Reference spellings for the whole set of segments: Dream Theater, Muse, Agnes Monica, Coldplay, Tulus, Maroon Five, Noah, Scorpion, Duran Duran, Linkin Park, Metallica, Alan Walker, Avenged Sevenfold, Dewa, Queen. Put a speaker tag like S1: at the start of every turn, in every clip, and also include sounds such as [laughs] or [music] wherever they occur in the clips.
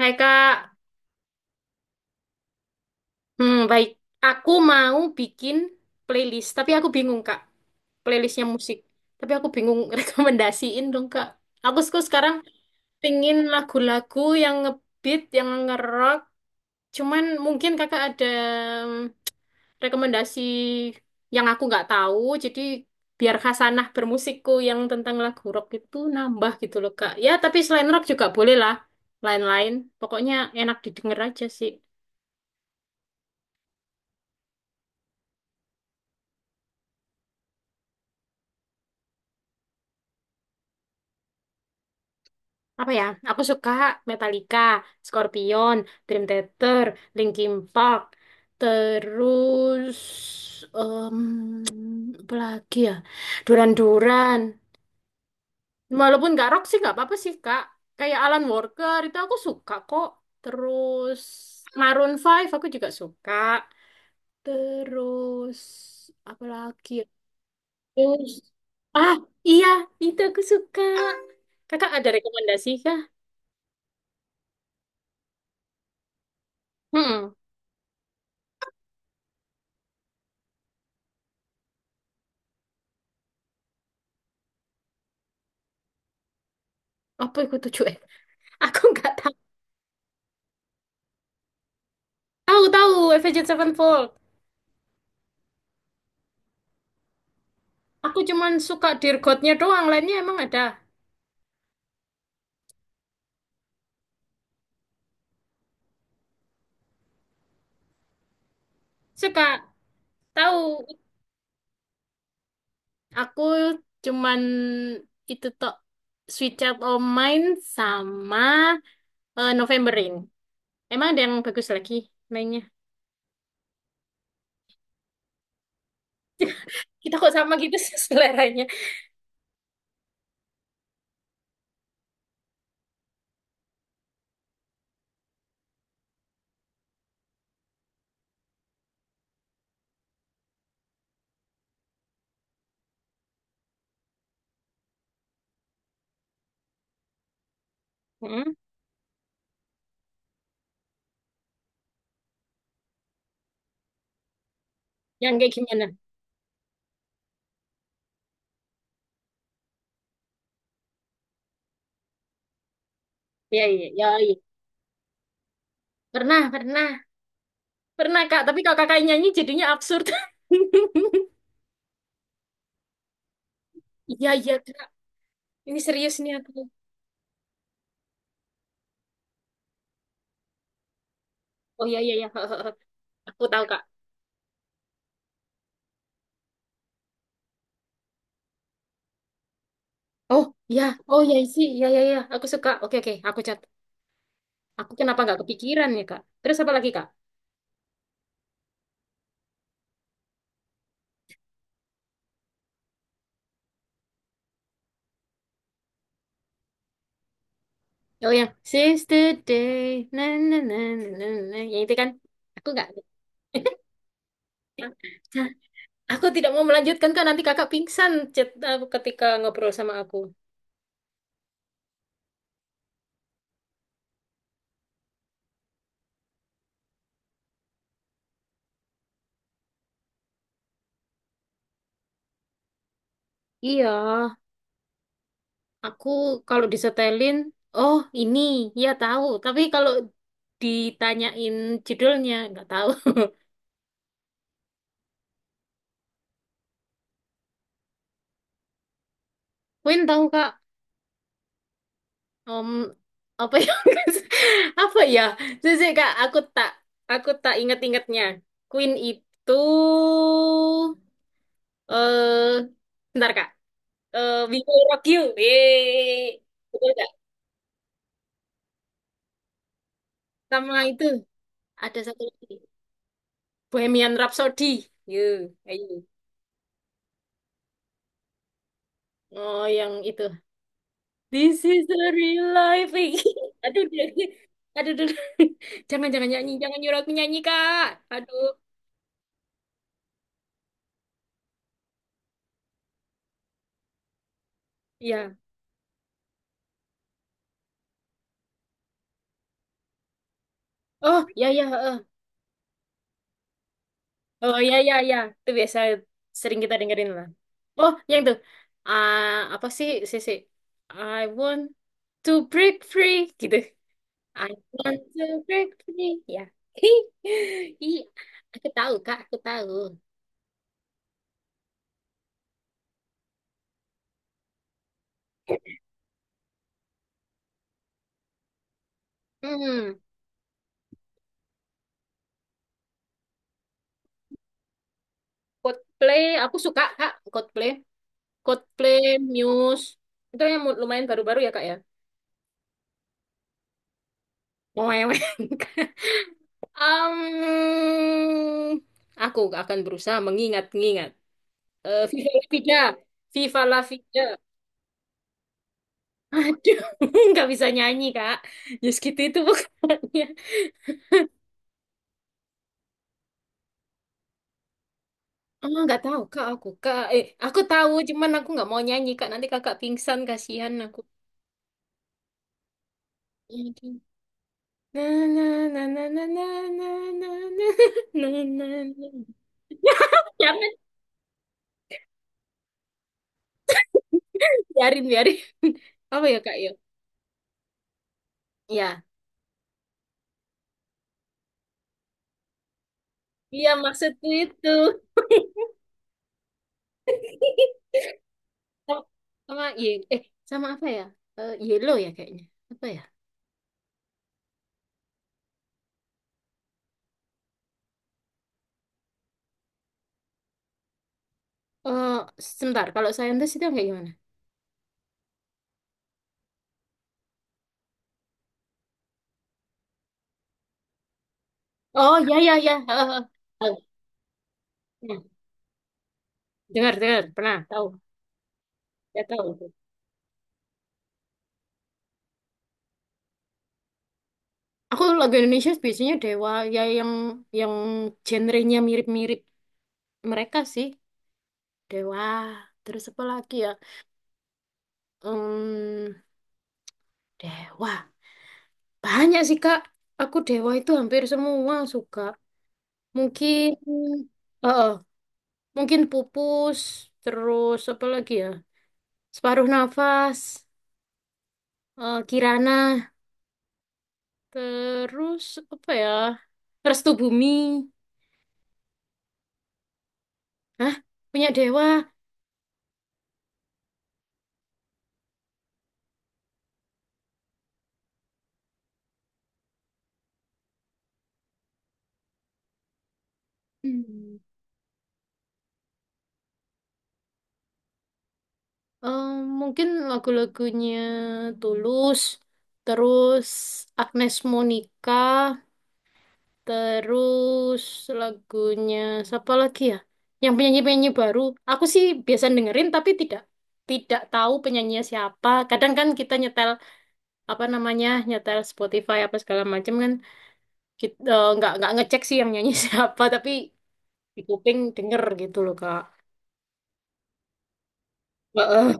S1: Hai Kak. Baik. Aku mau bikin playlist, tapi aku bingung, Kak, playlistnya musik. Tapi aku bingung, [laughs] rekomendasiin dong, Kak. Aku suka sekarang pingin lagu-lagu yang ngebeat, yang ngerock. Cuman mungkin Kakak ada rekomendasi yang aku nggak tahu. Jadi biar khasanah bermusikku yang tentang lagu rock itu nambah gitu loh, Kak. Ya tapi selain rock juga boleh lah, lain-lain. Pokoknya enak didengar aja sih. Apa ya? Aku suka Metallica, Scorpion, Dream Theater, Linkin Park, terus em, apa lagi ya? Duran-Duran. Walaupun nggak rock sih nggak apa-apa sih, Kak. Kayak Alan Walker itu aku suka kok. Terus Maroon Five aku juga suka. Terus apa lagi, ya? Terus ah, iya, itu aku suka. Kakak ada rekomendasi kah? Hmm. Apa itu 7? Aku nggak tahu. Tahu, tahu Avenged Sevenfold. Aku cuman suka Dear God-nya doang, lainnya emang ada. Suka, tahu. Aku cuman itu tok Sweet Child O' Mine sama, eh, November Rain. Emang ada yang bagus lagi mainnya? Kita kok sama gitu sih, [laughs] seleranya. Mm-mm. Yang kayak gimana? Ya, iya, ya, iya, iya. Pernah, pernah. Pernah, Kak, tapi kalau kakak nyanyi jadinya absurd. [laughs] Iya, iya, Kak. Ini serius nih aku. Oh, iya, iya, iya. [laughs] Aku tahu, Kak. Oh ya, oh ya sih, ya, ya, ya, aku suka. Oke, oke, aku cat. Aku kenapa nggak kepikiran ya, kak? Terus apa lagi, kak? Oh yang Sister Day, na na na na na, na, yang itu kan? Aku nggak. [laughs] Aku tidak mau melanjutkan, kak. Nanti kakak pingsan chat aku ketika ngobrol sama aku. Iya, aku kalau disetelin, oh ini, ya tahu. Tapi kalau ditanyain judulnya nggak tahu. [laughs] Queen tahu, kak. Om, apa ya, [laughs] apa ya, jujur kak, aku tak ingat-ingatnya. Queen itu, eh, bentar kak, eh, We Will Rock You. Yeay. Betul, kak. Sama itu ada satu lagi, Bohemian Rhapsody, yuk, ayo. Oh yang itu, This is the real life. [laughs] Aduh, aduh, aduh, aduh. [laughs] Jangan, jangan nyanyi, jangan nyuruh aku nyanyi, kak. Aduh, ya. Oh, ya, ya. Eh. Oh, iya, iya, iya, itu biasa sering kita dengerin lah. Oh, yang tuh. Ah, apa sih, Sisi? I want to break free gitu. I want to break free. Ya. [laughs] Iya, aku tahu Kak, aku tahu. Hmm, Coldplay, aku suka Kak, Coldplay. Coldplay, Muse. Itu yang lumayan baru-baru ya, Kak, ya. Mewek. [laughs] Um, aku akan berusaha mengingat-ingat. Eh, Viva la vida, Viva la vida. Aduh, [laughs] nggak bisa nyanyi, kak. Just gitu itu bukannya. Oh, nggak tahu kak, aku kak. Eh, aku tahu, cuman aku nggak mau nyanyi, kak. Nanti kakak pingsan, kasihan aku. Na na na na na na na na na, [laughs] na na na. Jangan, biarin, biarin. [laughs] Apa ya, kak ya? Ya, iya maksudku itu. [laughs] Sama, sama, sama apa ya? Eh, yellow ya kayaknya. Apa ya? Eh, sebentar, kalau saintis itu yang kayak gimana? Oh, ya, ya, ya. Eh, eh, eh. Tahu. Ya, dengar, dengar. Pernah, tahu. Ya, tahu. Aku lagu Indonesia biasanya Dewa, ya yang genrenya mirip-mirip mereka sih. Dewa, terus apa lagi ya? Hmm, Dewa. Banyak sih, Kak. Aku Dewa itu hampir semua suka. Mungkin, eh, eh, mungkin Pupus, terus apa lagi ya? Separuh Nafas, eh, Kirana. Terus apa ya? Restu Bumi. Hah? Punya Dewa. Hmm. Eh, mungkin lagu-lagunya Tulus. Terus Agnes Monica. Terus lagunya siapa lagi ya? Yang penyanyi-penyanyi baru. Aku sih biasa dengerin tapi tidak tidak tahu penyanyinya siapa. Kadang kan kita nyetel apa namanya nyetel Spotify apa segala macam kan kita nggak ngecek sih yang nyanyi, [laughs] siapa, tapi di kuping denger gitu loh, Kak. Heeh.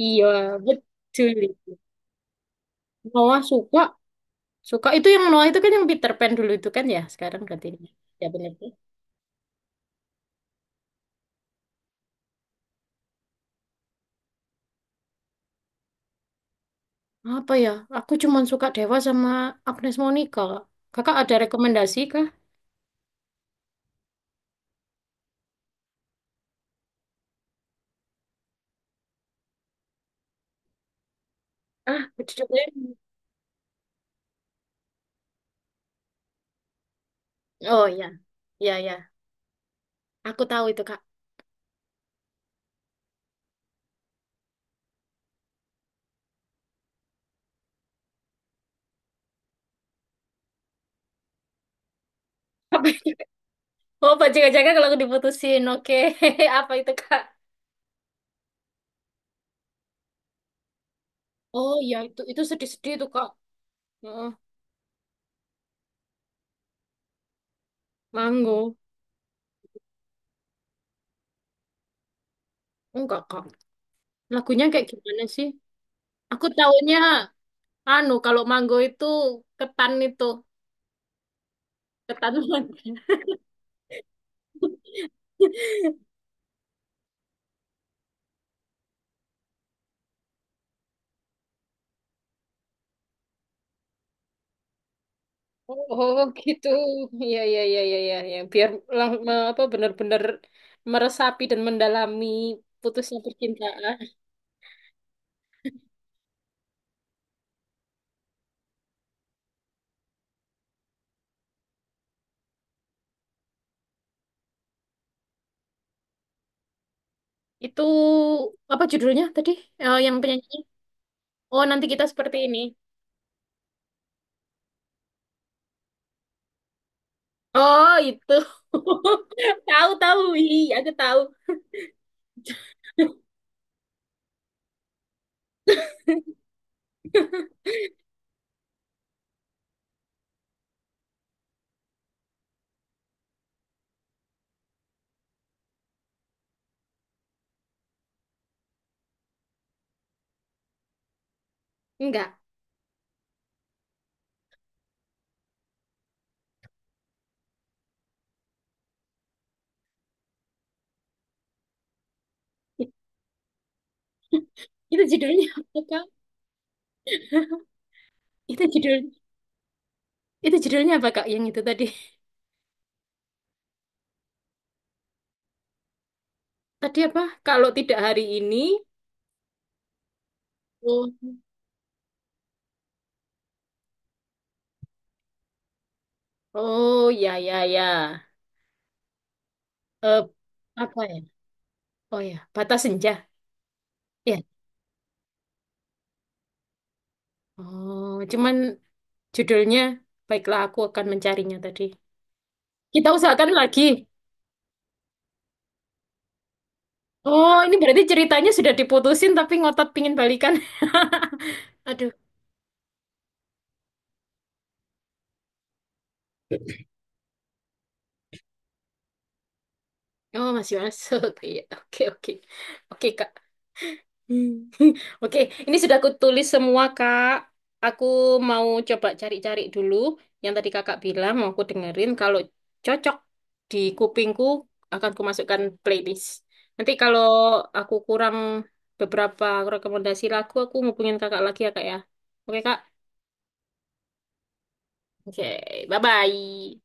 S1: Iya, betul itu. Noah suka itu yang Noah itu kan yang Peter Pan dulu itu kan ya, sekarang ganti ini. Ya bener tuh. Apa ya? Aku cuma suka Dewa sama Agnes Monica. Kakak ada rekomendasi kah? Ah, judulnya. Oh ya, ya, ya. Aku tahu itu, Kak. Apa itu? Oh, Pak Jaga-Jaga kalau aku diputusin. Oke. [laughs] Apa itu, Kak? Oh ya, itu sedih-sedih itu, Kak. Heeh. Manggo. Enggak, Kak. Lagunya kayak gimana sih? Aku taunya anu kalau mango itu, ketan mangga. [laughs] Oh, oh, gitu. Iya, iya, iya, iya, iya, iya. Biar apa benar-benar meresapi dan mendalami putusnya percintaan. Itu apa judulnya tadi? Eh, yang penyanyinya. Oh, nanti kita seperti ini. Oh, itu. [laughs] Tahu, tahu. Iya, aku tahu. [laughs] Enggak. Itu judulnya apa, Kak? [laughs] Itu judul itu judulnya apa, Kak? Yang itu tadi. Tadi apa? Kalau tidak hari ini, oh, oh ya, ya, ya. Eh, apa ya? Oh ya, batas senja. Ya. Oh, cuman judulnya Baiklah Aku Akan Mencarinya tadi. Kita usahakan lagi. Oh, ini berarti ceritanya sudah diputusin tapi ngotot pingin balikan. [laughs] Aduh. Oh, masih masuk. Iya, oke, oke. Oke, Kak. Hmm. Oke, ini sudah aku tulis semua, Kak. Aku mau coba cari-cari dulu yang tadi Kakak bilang, mau aku dengerin. Kalau cocok di kupingku, akan aku masukkan playlist. Nanti kalau aku kurang beberapa rekomendasi lagu, aku hubungin Kakak lagi ya, Kak ya. Oke, Kak. Oke, bye-bye.